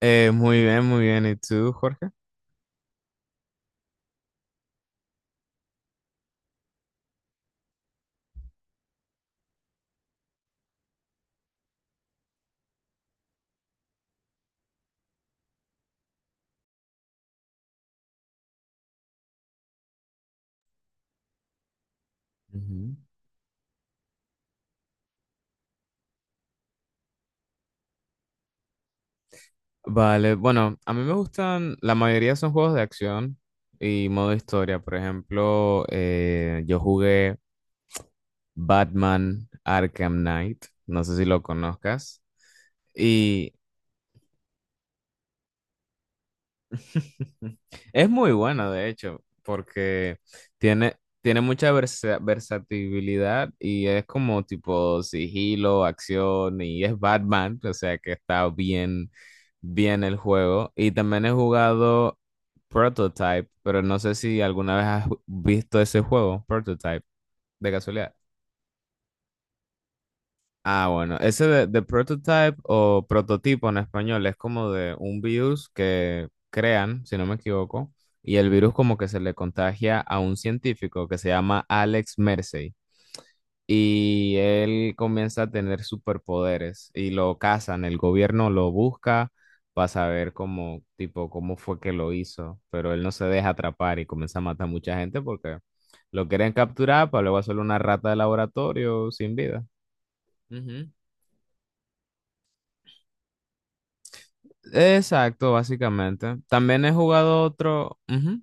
Muy bien, muy bien. ¿Y tú, Jorge? Ujú. Vale, bueno, a mí me gustan, la mayoría son juegos de acción y modo historia. Por ejemplo, yo jugué Batman Arkham Knight, no sé si lo conozcas. Y es muy bueno, de hecho, porque tiene, tiene mucha versatilidad y es como tipo sigilo, acción y es Batman, o sea que está bien bien el juego. Y también he jugado Prototype, pero no sé si alguna vez has visto ese juego, Prototype, de casualidad. Ah, bueno, ese de Prototype o prototipo en español es como de un virus que crean, si no me equivoco, y el virus como que se le contagia a un científico que se llama Alex Mercer. Y él comienza a tener superpoderes y lo cazan, el gobierno lo busca para saber cómo, tipo, cómo fue que lo hizo, pero él no se deja atrapar y comienza a matar mucha gente porque lo quieren capturar para luego hacerle una rata de laboratorio sin vida. Ujú. Exacto, básicamente. También he jugado otro. Ujú.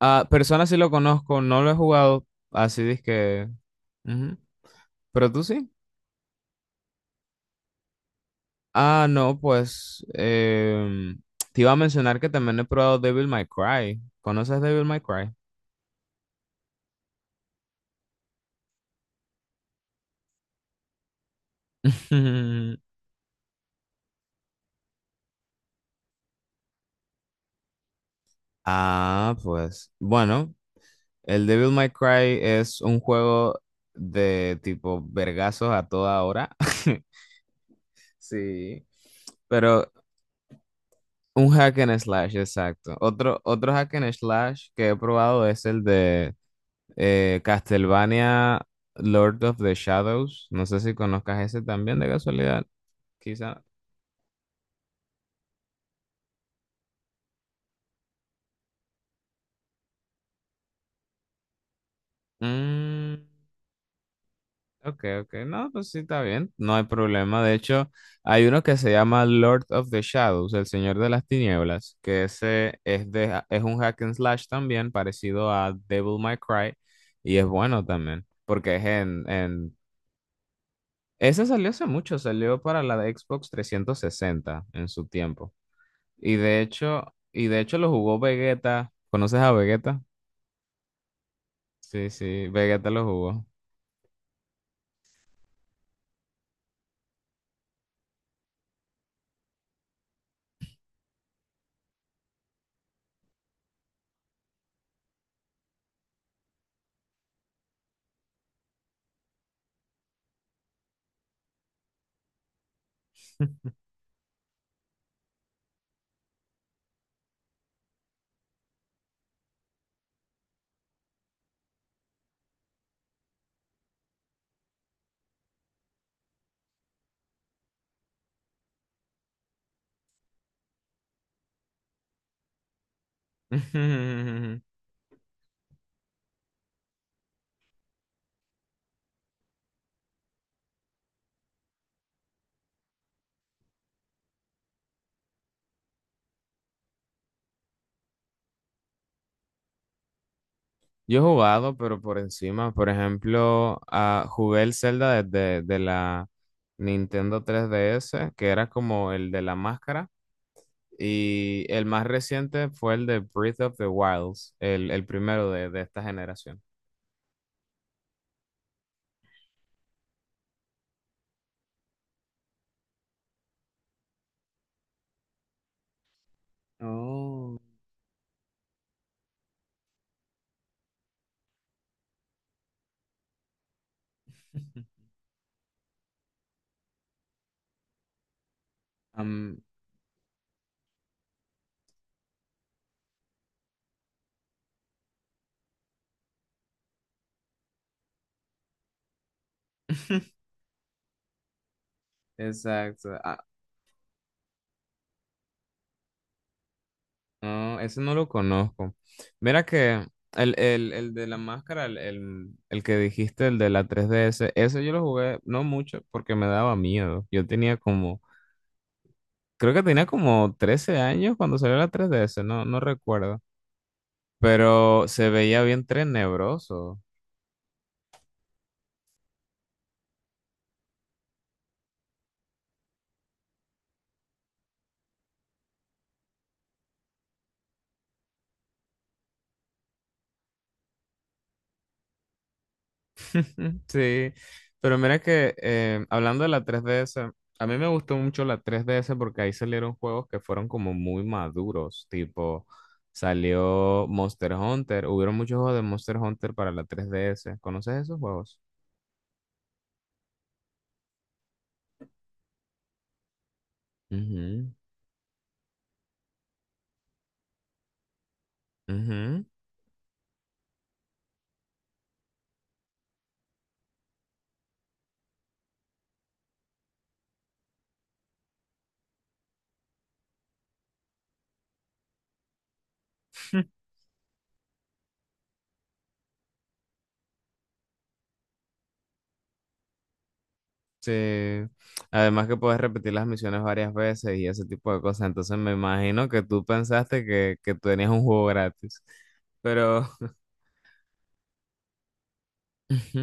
Ah, Persona sí lo conozco, no lo he jugado así, que. Pero tú sí. Ah, no, pues te iba a mencionar que también he probado Devil May Cry. ¿Conoces Devil May Cry? Ah, pues bueno, el Devil May Cry es un juego de tipo vergazos a toda hora. Sí, pero un hack and slash, exacto. Otro hack and slash que he probado es el de Castlevania Lord of the Shadows. No sé si conozcas ese también de casualidad, quizá. Mm, ok, ok. No, pues sí, está bien. No hay problema. De hecho, hay uno que se llama Lord of the Shadows, el Señor de las Tinieblas, que ese es de, es un hack and slash también, parecido a Devil May Cry, y es bueno también, porque es en... Ese salió hace mucho, salió para la de Xbox 360 en su tiempo. Y de hecho lo jugó Vegeta. ¿Conoces a Vegeta? Sí, sí, Vegeta lo jugó. Yo he jugado, pero por encima, por ejemplo, jugué el Zelda desde de la Nintendo 3DS, que era como el de la máscara, y el más reciente fue el de Breath of the Wilds, el primero de esta generación. Oh. Am- exacto. No, ese no lo conozco. Mira que el de la máscara, el que dijiste, el de la 3DS, ese yo lo jugué no mucho porque me daba miedo. Yo tenía como, creo que tenía como 13 años cuando salió la 3DS, no, no recuerdo. Pero se veía bien tenebroso. Mm, sí, pero mira que hablando de la 3DS, a mí me gustó mucho la 3DS porque ahí salieron juegos que fueron como muy maduros, tipo salió Monster Hunter, hubieron muchos juegos de Monster Hunter para la 3DS, ¿conoces esos juegos? Ujú, ujú, sí, además que puedes repetir las misiones varias veces y ese tipo de cosas, entonces me imagino que tú pensaste que, tenías un juego gratis, pero... ujú,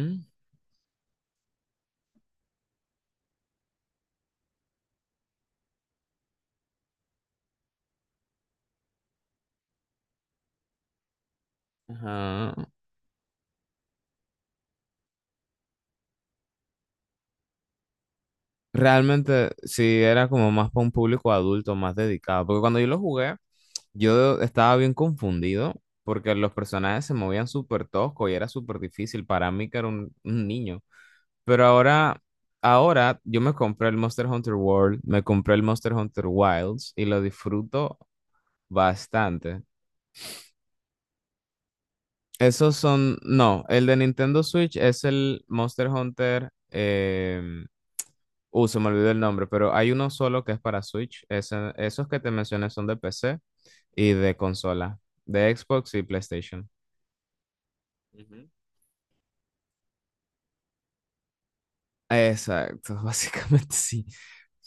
ajá. Realmente sí era como más para un público adulto, más dedicado, porque cuando yo lo jugué, yo estaba bien confundido porque los personajes se movían súper tosco y era súper difícil para mí que era un niño. Pero ahora, ahora yo me compré el Monster Hunter World, me compré el Monster Hunter Wilds y lo disfruto bastante. Esos son, no, el de Nintendo Switch es el Monster Hunter. Se me olvidó el nombre, pero hay uno solo que es para Switch. Ese- esos que te mencioné son de PC y de consola, de Xbox y PlayStation. Ujú. Exacto, básicamente sí.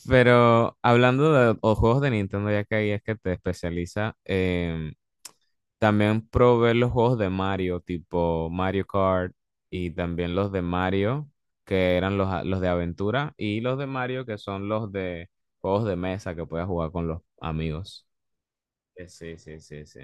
Pero hablando de o juegos de Nintendo, ya que ahí es que te especializa, también probé los juegos de Mario, tipo Mario Kart, y también los de Mario, que eran los, los de aventura, y los de Mario, que son los de juegos de mesa que puedes jugar con los amigos. Sí, sí, sí, sí.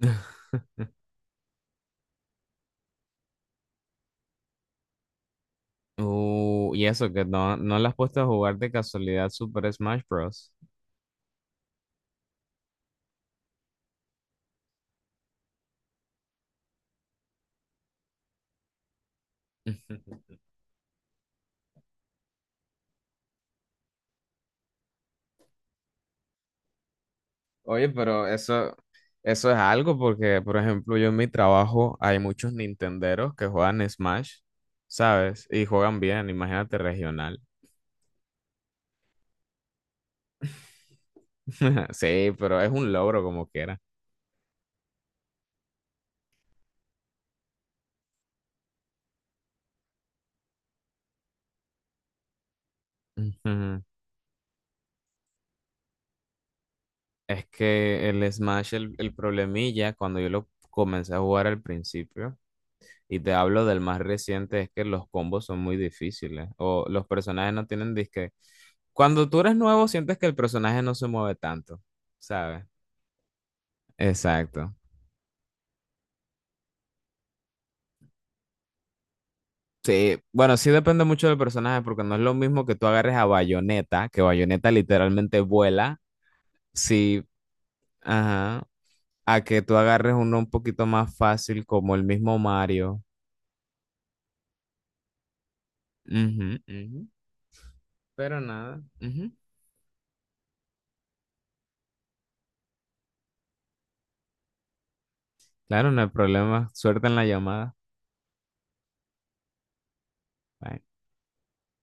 Y eso, que no, no le has puesto a jugar de casualidad Super Smash Bros. Oye, pero eso es algo porque, por ejemplo, yo en mi trabajo hay muchos nintenderos que juegan Smash, ¿sabes? Y juegan bien, imagínate regional. Sí, pero es un logro como quiera. Ujú. Es que el Smash, el problemilla, cuando yo lo comencé a jugar al principio, y te hablo del más reciente, es que los combos son muy difíciles, o los personajes no tienen disque. Cuando tú eres nuevo, sientes que el personaje no se mueve tanto, ¿sabes? Exacto. Sí, bueno, sí depende mucho del personaje, porque no es lo mismo que tú agarres a Bayonetta, que Bayonetta literalmente vuela. Sí, ajá, a que tú agarres uno un poquito más fácil como el mismo Mario. Ujú, ujú. Pero nada. Ujú. Claro, no hay problema. Suerte en la llamada. Bye.